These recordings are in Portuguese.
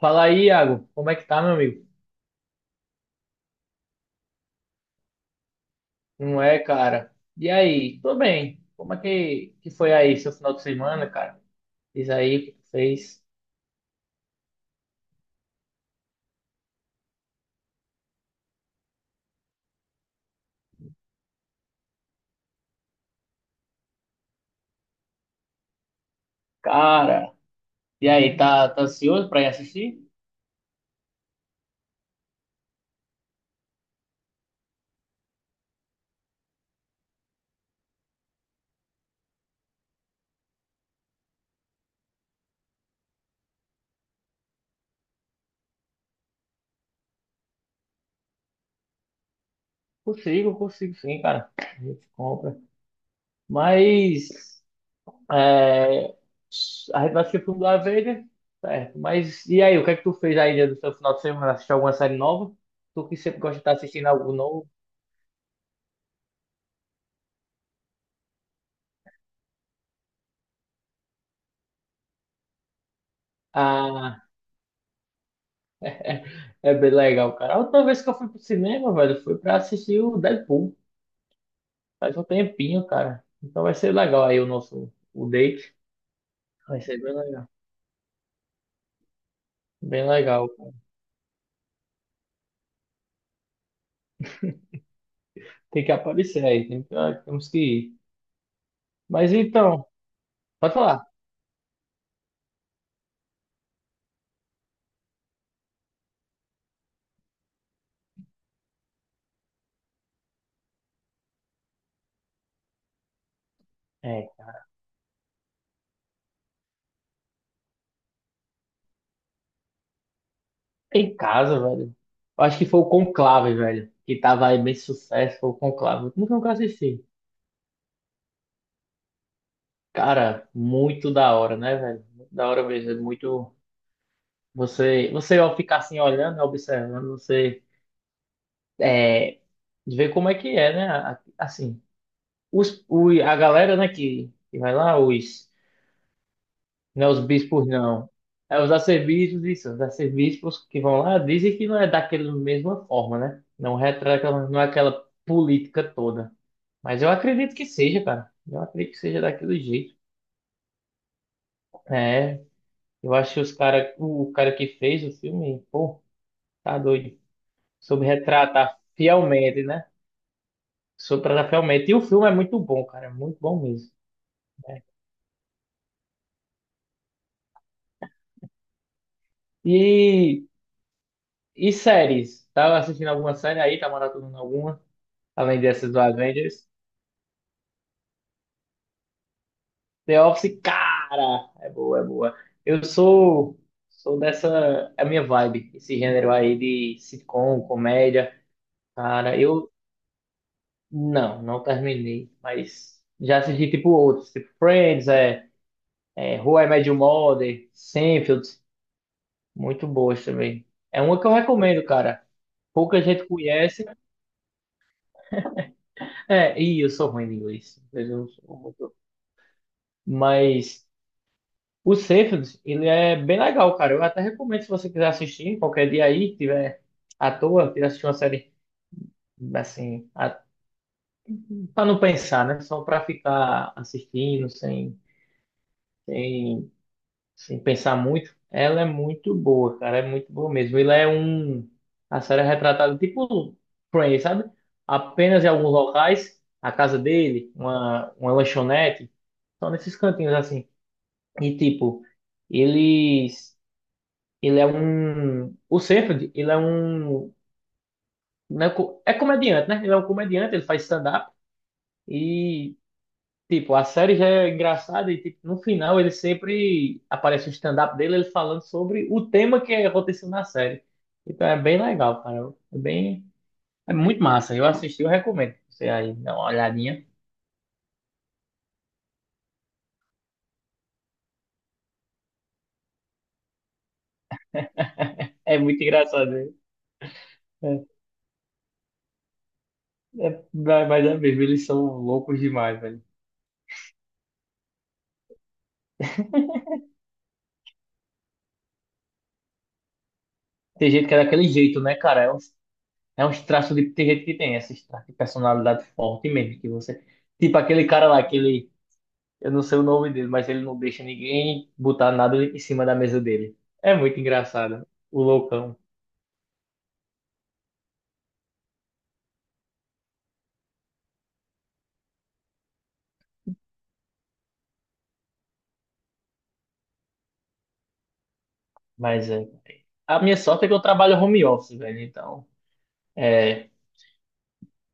Fala aí, Iago. Como é que tá, meu amigo? Não é, cara? E aí? Tô bem. Como é que foi aí seu final de semana, cara? Diz aí o que tu fez. Cara, e aí, tá ansioso pra ir assistir? Consigo, consigo sim, cara. A gente compra. Mas é, a gente vai assistir o filme do Avenger, certo? Mas e aí, o que é que tu fez aí no seu final de semana? Assistiu alguma série nova? Tu que sempre gosta de estar assistindo algo novo? Ah, é bem legal, cara. A última vez que eu fui pro cinema, velho, foi pra assistir o Deadpool. Faz um tempinho, cara. Então vai ser legal aí o nosso o date. Vai ser bem legal. Bem legal, cara. Tem que aparecer aí. Temos que ir. Mas então, pode falar. É, em casa, velho. Eu acho que foi o Conclave, velho. Que tava aí bem sucesso, foi o Conclave. Como que eu nunca assisti? Cara, muito da hora, né, velho? Muito da hora mesmo. É muito. Você ao ficar assim olhando, observando, você de ver como é que é, né? Assim, a galera, né, que vai lá, não é os bispos, não. É os arcebispos, isso, os arcebispos que vão lá dizem que não é daquela mesma forma, né? Não retrata, não é aquela política toda. Mas eu acredito que seja, cara. Eu acredito que seja daquele jeito. É, eu acho que o cara que fez o filme, pô, tá doido. Soube retratar fielmente, né? Soube retratar fielmente. E o filme é muito bom, cara. É muito bom mesmo. E E séries? Tava assistindo alguma série aí? Tá maratonando alguma? Além dessas do Avengers? The Office, cara! É boa, é boa. Eu sou, sou dessa. É a minha vibe, esse gênero aí de sitcom, comédia. Cara, eu não terminei, mas já assisti tipo outros, tipo Friends, é, é How I Met Your Mother, Seinfeld, muito boas também. É uma que eu recomendo, cara. Pouca gente conhece. É, e eu sou ruim em inglês. Eu não sou muito. Mas o Seinfeld, ele é bem legal, cara. Eu até recomendo se você quiser assistir qualquer dia aí, tiver à toa, quiser assistir uma série assim, pra não pensar, né? Só pra ficar assistindo sem, sem pensar muito. Ela é muito boa, cara. É muito boa mesmo. Ele é um. A série é retratada tipo Friends, sabe? Apenas em alguns locais, a casa dele, uma lanchonete, só nesses cantinhos assim. E tipo, eles. Ele é um. O Seinfeld, ele é um, não é co- é comediante, né? Ele é um comediante, ele faz stand-up. E, tipo, a série já é engraçada. E, tipo, no final, ele sempre aparece o stand-up dele, ele falando sobre o tema que aconteceu na série. Então é bem legal, cara. É bem. É muito massa. Eu assisti, eu recomendo. Você aí, dá uma olhadinha. É muito engraçado, né? É, é, mas é mesmo, eles são loucos demais, velho. Tem gente que é daquele jeito, né, cara? É um. É uns traços de. Tem gente que tem esses traços de personalidade forte mesmo, que você. Tipo aquele cara lá, aquele. Eu não sei o nome dele, mas ele não deixa ninguém botar nada em cima da mesa dele. É muito engraçado. O loucão. Mas é. A minha sorte é que eu trabalho home office, velho. Então. É.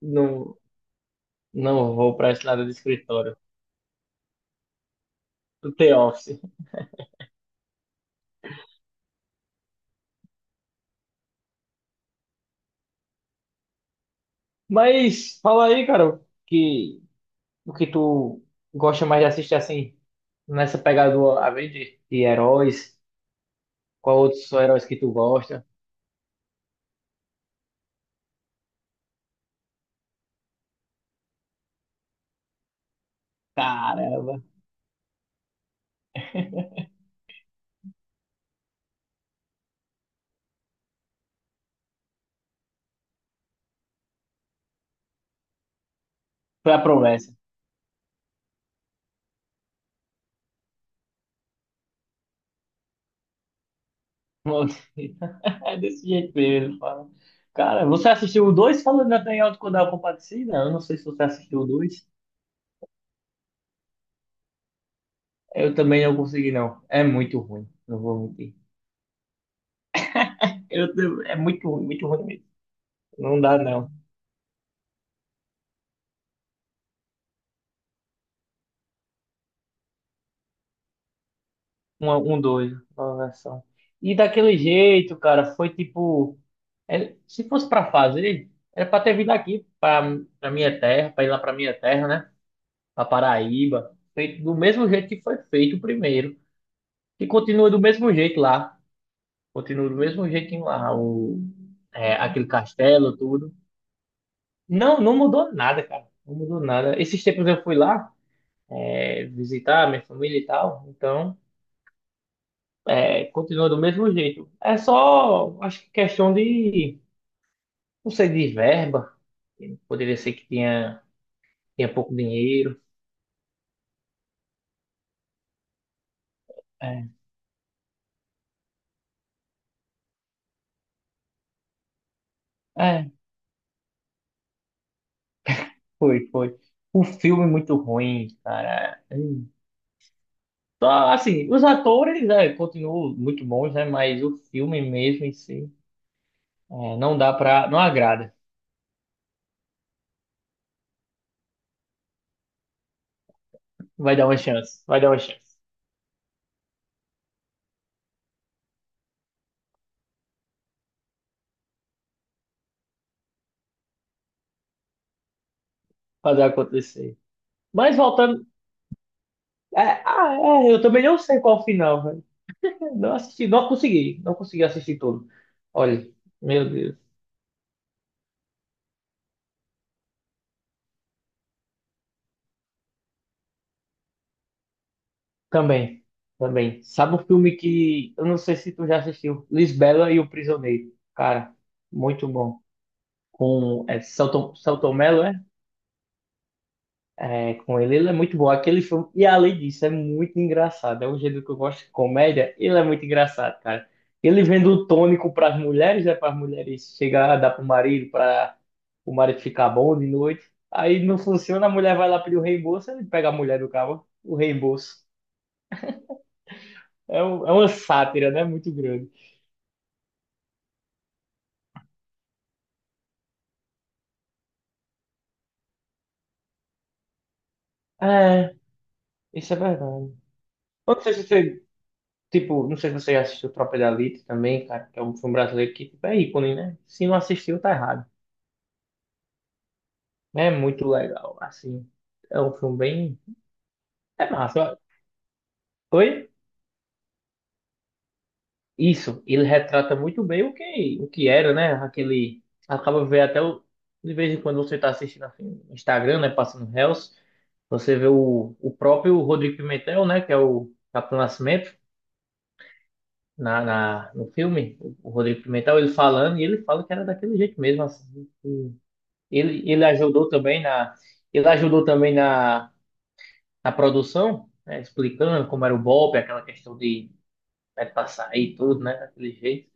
Não, não vou pra esse lado do escritório. Do The Office. Mas fala aí, cara, que o que tu gosta mais de assistir assim, nessa pegada do Avenger, de heróis. Qual outros heróis que tu gosta? Caramba, foi a promessa. É desse jeito mesmo, ele fala. Cara, você assistiu o 2 Falando da Penhal quando ela compartilha? Eu não sei se você assistiu o 2. Eu também não consegui, não. É muito ruim, não vou mentir. É muito ruim mesmo. Não dá, não. Um dois, uma versão. E daquele jeito, cara, foi tipo. Se fosse pra fazer, era pra ter vindo aqui, pra minha terra, pra ir lá pra minha terra, né? Para Paraíba, feito do mesmo jeito que foi feito o primeiro. E continua do mesmo jeito lá. Continua do mesmo jeitinho lá, aquele castelo, tudo. Não, não mudou nada, cara. Não mudou nada. Esses tempos eu fui lá, é, visitar minha família e tal. Então, é, continua do mesmo jeito. É só, acho que questão de, não sei, de verba. Poderia ser que tinha, tinha pouco dinheiro. É, é, foi, foi. O filme muito ruim, cara. Só, assim, os atores, é, continuam muito bons, né? Mas o filme mesmo em si, é, não dá pra. Não agrada. Vai dar uma chance. Vai dar uma chance. Fazer acontecer. Mas voltando. É, ah, é, eu também não sei qual o final, velho. Não assisti, não consegui. Não consegui assistir tudo. Olha, meu Deus. Também. Também. Sabe um filme que. Eu não sei se tu já assistiu. Lisbela e o Prisioneiro. Cara, muito bom. Com é, Selton, Selton é, com ele. Ele é muito bom. Aquele filme, e além disso, é muito engraçado. É um gênero que eu gosto de comédia. Ele é muito engraçado, cara. Ele vendo o tônico para as mulheres, né? Para as mulheres chegar, dar pro marido, para o marido ficar bom de noite. Aí não funciona, a mulher vai lá pedir o reembolso, ele pega a mulher do cara, o reembolso. É, é uma sátira, né? Muito grande. É, isso é verdade. Eu não sei se você, tipo, não sei se você já assistiu Tropa de Elite também, cara, que é um filme brasileiro que, tipo, é ícone, né? Se não assistiu, tá errado. É muito legal, assim. É um filme bem. É massa. Oi? Isso, ele retrata muito bem o que era, né? Aquele. Acaba ver até o. De vez em quando você tá assistindo assim, no Instagram, né? Passando Reels, você vê o próprio Rodrigo Pimentel, né? Que é o Capitão Nascimento, no filme. O Rodrigo Pimentel, ele falando, e ele fala que era daquele jeito mesmo, assim. Que ele ajudou também na. Ele ajudou também na na produção, né, explicando como era o golpe, aquela questão de, né, passar aí tudo, né, daquele jeito.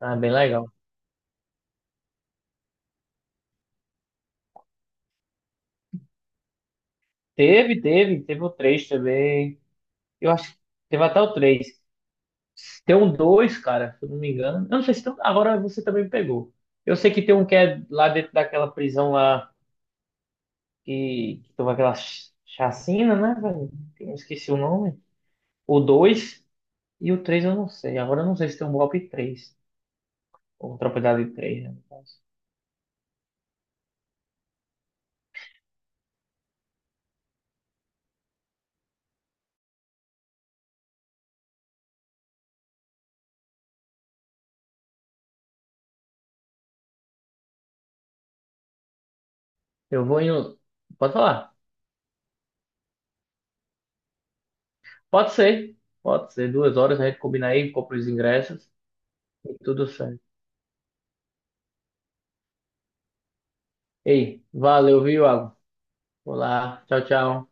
Ah, bem legal. Teve, teve, teve o 3 também. Eu acho que teve até o três. Tem um 2 cara, se eu não me engano. Eu não sei se tem, um, agora você também pegou. Eu sei que tem um que é lá dentro daquela prisão lá que teve aquela chacina, né, velho? Eu esqueci o nome. O 2 e o 3 eu não sei. Agora eu não sei se tem um golpe 3 ou tropa de 3 né, no caso. Eu vou em. Um- Pode falar? Pode ser. Pode ser. 2 horas a gente combina aí, compra os ingressos e tudo certo. Ei, valeu, viu, Iago? Olá. Tchau, tchau.